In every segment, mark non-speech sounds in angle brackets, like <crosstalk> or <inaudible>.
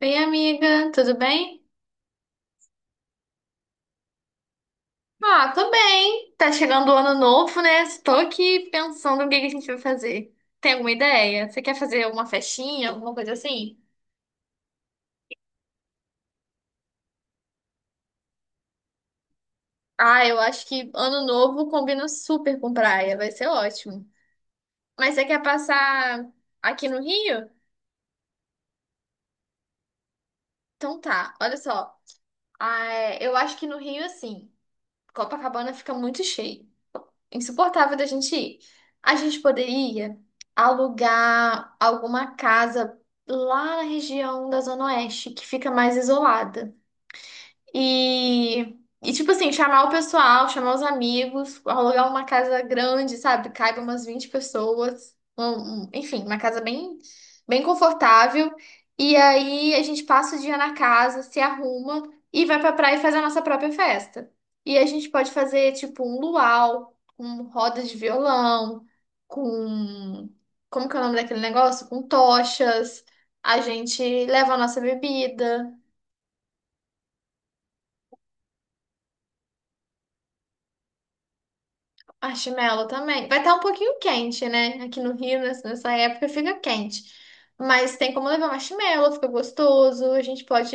Oi, amiga, tudo bem? Ah, tô bem. Tá chegando o ano novo, né? Estou aqui pensando o que que a gente vai fazer. Tem alguma ideia? Você quer fazer uma festinha, alguma coisa assim? Ah, eu acho que ano novo combina super com praia, vai ser ótimo. Mas você quer passar aqui no Rio? Então tá, olha só. Ah, é, eu acho que no Rio, assim, Copacabana fica muito cheio. Insuportável da gente ir. A gente poderia alugar alguma casa lá na região da Zona Oeste, que fica mais isolada. E, e, tipo assim, chamar o pessoal, chamar os amigos, alugar uma casa grande, sabe? Caiba umas 20 pessoas. Enfim, uma casa bem, bem confortável. E aí a gente passa o dia na casa, se arruma e vai pra praia e faz a nossa própria festa. E a gente pode fazer, tipo, um luau, com roda de violão, com. Como que é o nome daquele negócio? Com tochas. A gente leva a nossa bebida. Marshmallow também. Vai estar um pouquinho quente, né? Aqui no Rio, nessa época, fica quente. Mas tem como levar marshmallow, fica gostoso. A gente pode,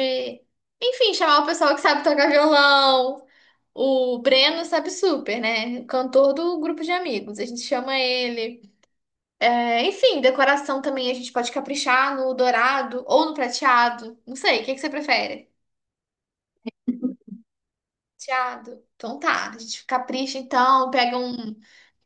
enfim, chamar o pessoal que sabe tocar violão. O Breno sabe super, né? Cantor do grupo de amigos. A gente chama ele. É, enfim, decoração também a gente pode caprichar no dourado ou no prateado. Não sei, o que que você prefere? Prateado. Então tá, a gente capricha então, pega um.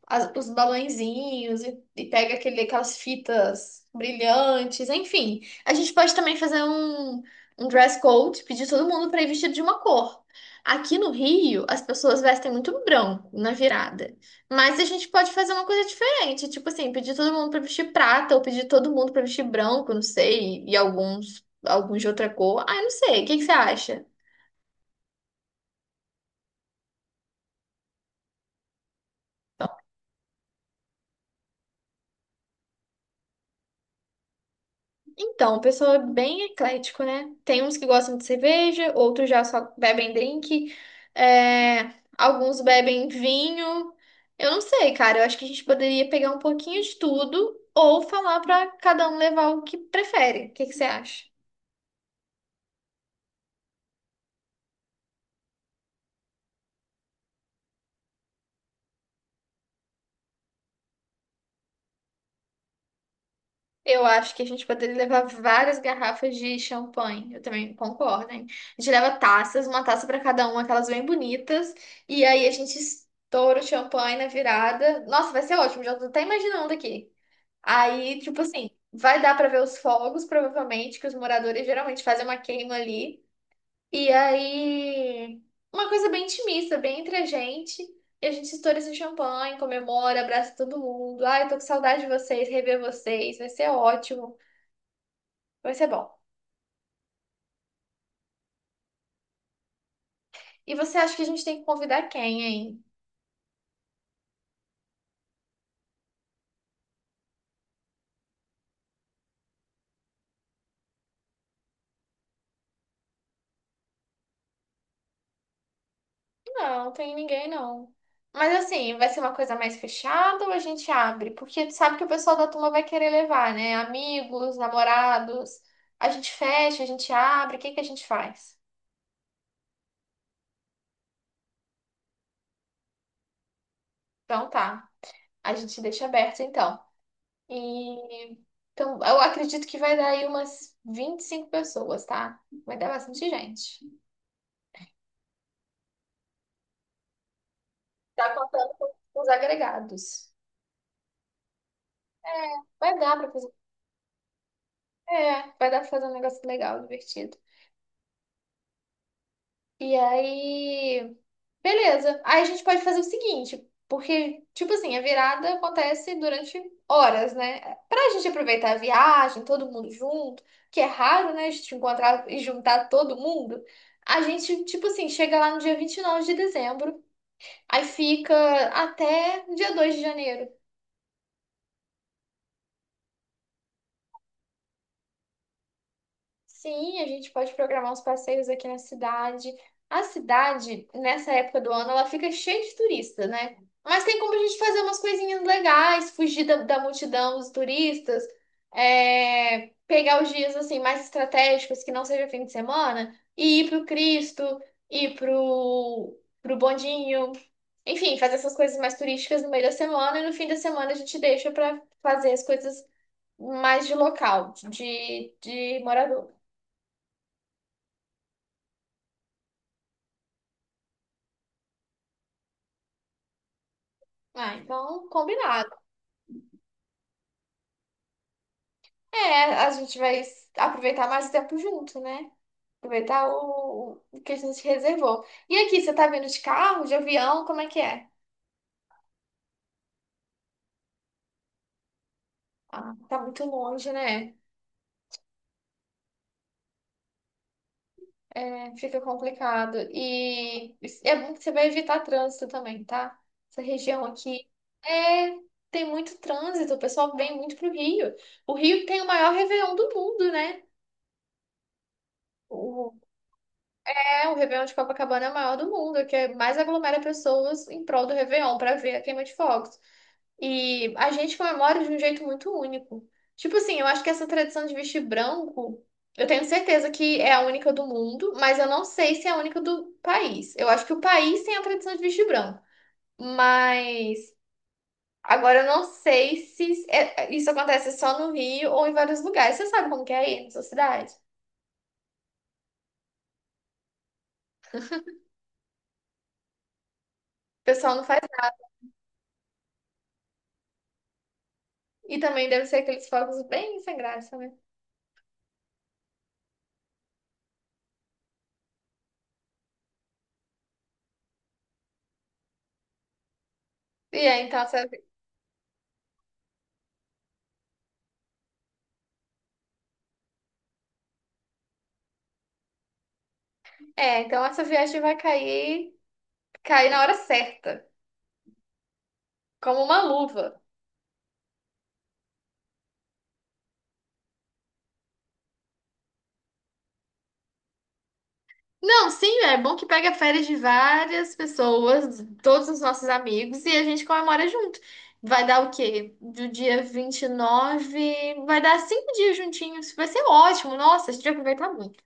Os balõezinhos e pega aquele, aquelas fitas brilhantes, enfim. A gente pode também fazer um dress code, pedir todo mundo para ir vestido de uma cor. Aqui no Rio, as pessoas vestem muito branco na virada. Mas a gente pode fazer uma coisa diferente, tipo assim, pedir todo mundo para vestir prata ou pedir todo mundo para vestir branco, não sei, e alguns de outra cor. Ah, eu não sei. O que que você acha? Então, o pessoal é bem eclético, né? Tem uns que gostam de cerveja, outros já só bebem drink, é, alguns bebem vinho. Eu não sei, cara. Eu acho que a gente poderia pegar um pouquinho de tudo ou falar pra cada um levar o que prefere. O que que você acha? Eu acho que a gente poderia levar várias garrafas de champanhe. Eu também concordo, hein? A gente leva taças, uma taça pra cada um, aquelas bem bonitas, e aí a gente estoura o champanhe na virada. Nossa, vai ser ótimo, já tô até imaginando aqui. Aí, tipo assim, vai dar pra ver os fogos, provavelmente, que os moradores geralmente fazem uma queima ali. E aí, uma coisa bem intimista, bem entre a gente. E a gente estoura esse champanhe, comemora, abraça todo mundo. Ai, tô com saudade de vocês, rever vocês, vai ser ótimo, vai ser bom. E você acha que a gente tem que convidar quem, hein? Não, tem ninguém não. Mas assim, vai ser uma coisa mais fechada ou a gente abre? Porque tu sabe que o pessoal da turma vai querer levar, né? Amigos, namorados. A gente fecha, a gente abre, o que que a gente faz? Então tá, a gente deixa aberto então. E então, eu acredito que vai dar aí umas 25 pessoas, tá? Vai dar bastante gente. Tá contando com os agregados. É, vai dar pra fazer. É, vai dar pra fazer um negócio legal, divertido. E aí. Beleza. Aí a gente pode fazer o seguinte, porque, tipo assim, a virada acontece durante horas, né? Pra gente aproveitar a viagem, todo mundo junto, que é raro, né? A gente encontrar e juntar todo mundo. A gente, tipo assim, chega lá no dia 29 de dezembro, aí fica até dia 2 de janeiro. Sim, a gente pode programar uns passeios aqui na cidade. A cidade, nessa época do ano, ela fica cheia de turista, né? Mas tem como a gente fazer umas coisinhas legais, fugir da multidão dos turistas, pegar os dias assim mais estratégicos, que não seja fim de semana, e ir pro Cristo, ir pro Bondinho. Enfim, fazer essas coisas mais turísticas no meio da semana e no fim da semana a gente deixa para fazer as coisas mais de local, de morador. Ah, então, combinado. É, a gente vai aproveitar mais o tempo junto, né? Aproveitar o que a gente reservou. E aqui, você tá vindo de carro, de avião, como é que é? Ah, tá muito longe, né? É, fica complicado. E é bom que você vai evitar trânsito também, tá? Essa região aqui é, tem muito trânsito, o pessoal vem muito pro Rio. O Rio tem o maior Réveillon do mundo, né? É, o Réveillon de Copacabana é o maior do mundo, que é mais aglomera pessoas em prol do Réveillon para ver a queima de fogos. E a gente comemora de um jeito muito único. Tipo assim, eu acho que essa tradição de vestir branco, eu tenho certeza que é a única do mundo, mas eu não sei se é a única do país. Eu acho que o país tem a tradição de vestir branco, mas agora eu não sei se isso acontece só no Rio ou em vários lugares. Você sabe como que é aí na sua cidade? O pessoal não faz nada. E também deve ser aqueles fogos bem sem graça, né? E é, então essa, então essa viagem vai cair na hora certa, como uma luva. Não, sim, é bom que pega férias de várias pessoas, todos os nossos amigos, e a gente comemora junto. Vai dar o quê? Do dia 29 vai dar 5 dias juntinhos. Vai ser ótimo, nossa, a gente vai aproveitar muito.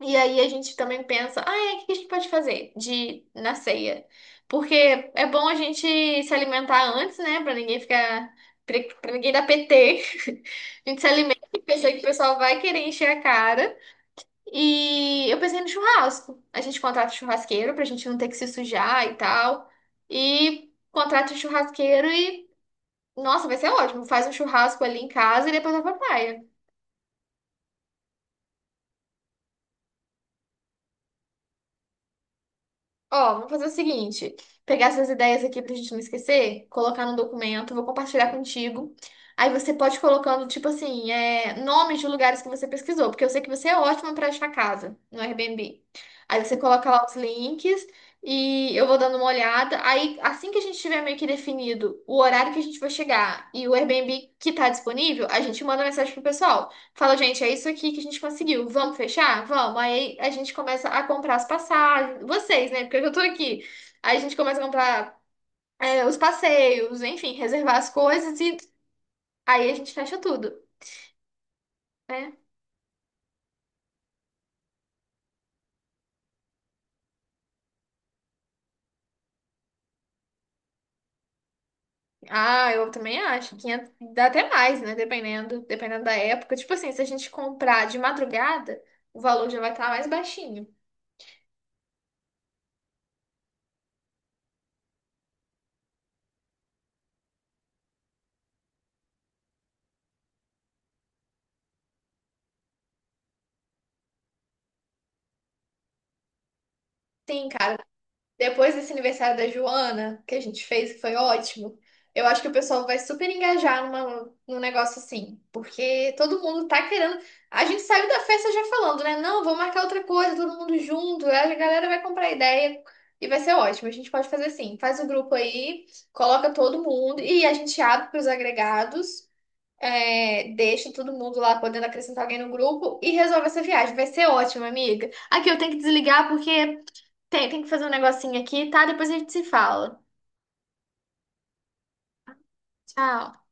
E aí a gente também pensa, o que a gente pode fazer de na ceia? Porque é bom a gente se alimentar antes, né? Pra ninguém ficar. Pra pra ninguém dar PT. <laughs> A gente se alimenta e pensa que o pessoal vai querer encher a cara. E eu pensei no churrasco. A gente contrata o churrasqueiro pra gente não ter que se sujar e tal. E contrata o churrasqueiro Nossa, vai ser ótimo. Faz um churrasco ali em casa e depois vai pra praia. Ó, vamos fazer o seguinte: pegar essas ideias aqui pra gente não esquecer, colocar no documento, vou compartilhar contigo. Aí você pode ir colocando, tipo assim, nomes de lugares que você pesquisou, porque eu sei que você é ótima pra achar casa no Airbnb. Aí você coloca lá os links e eu vou dando uma olhada. Aí, assim que a gente tiver meio que definido o horário que a gente vai chegar e o Airbnb que tá disponível, a gente manda mensagem pro pessoal. Fala, gente, é isso aqui que a gente conseguiu. Vamos fechar? Vamos. Aí a gente começa a comprar as passagens. Vocês, né? Porque eu já tô aqui. Aí a gente começa a comprar os passeios, enfim, reservar as coisas e aí a gente fecha tudo, né? Ah, eu também acho. 500, dá até mais, né? Dependendo, da época. Tipo assim, se a gente comprar de madrugada, o valor já vai estar mais baixinho. Sim, cara. Depois desse aniversário da Joana, que a gente fez, que foi ótimo, eu acho que o pessoal vai super engajar numa, num negócio assim. Porque todo mundo tá querendo. A gente saiu da festa já falando, né? Não, vou marcar outra coisa, todo mundo junto. Aí a galera vai comprar ideia e vai ser ótimo. A gente pode fazer assim: faz o grupo aí, coloca todo mundo e a gente abre pros agregados. Deixa todo mundo lá podendo acrescentar alguém no grupo e resolve essa viagem. Vai ser ótimo, amiga. Aqui eu tenho que desligar porque tem que fazer um negocinho aqui, tá? Depois a gente se fala. Tchau.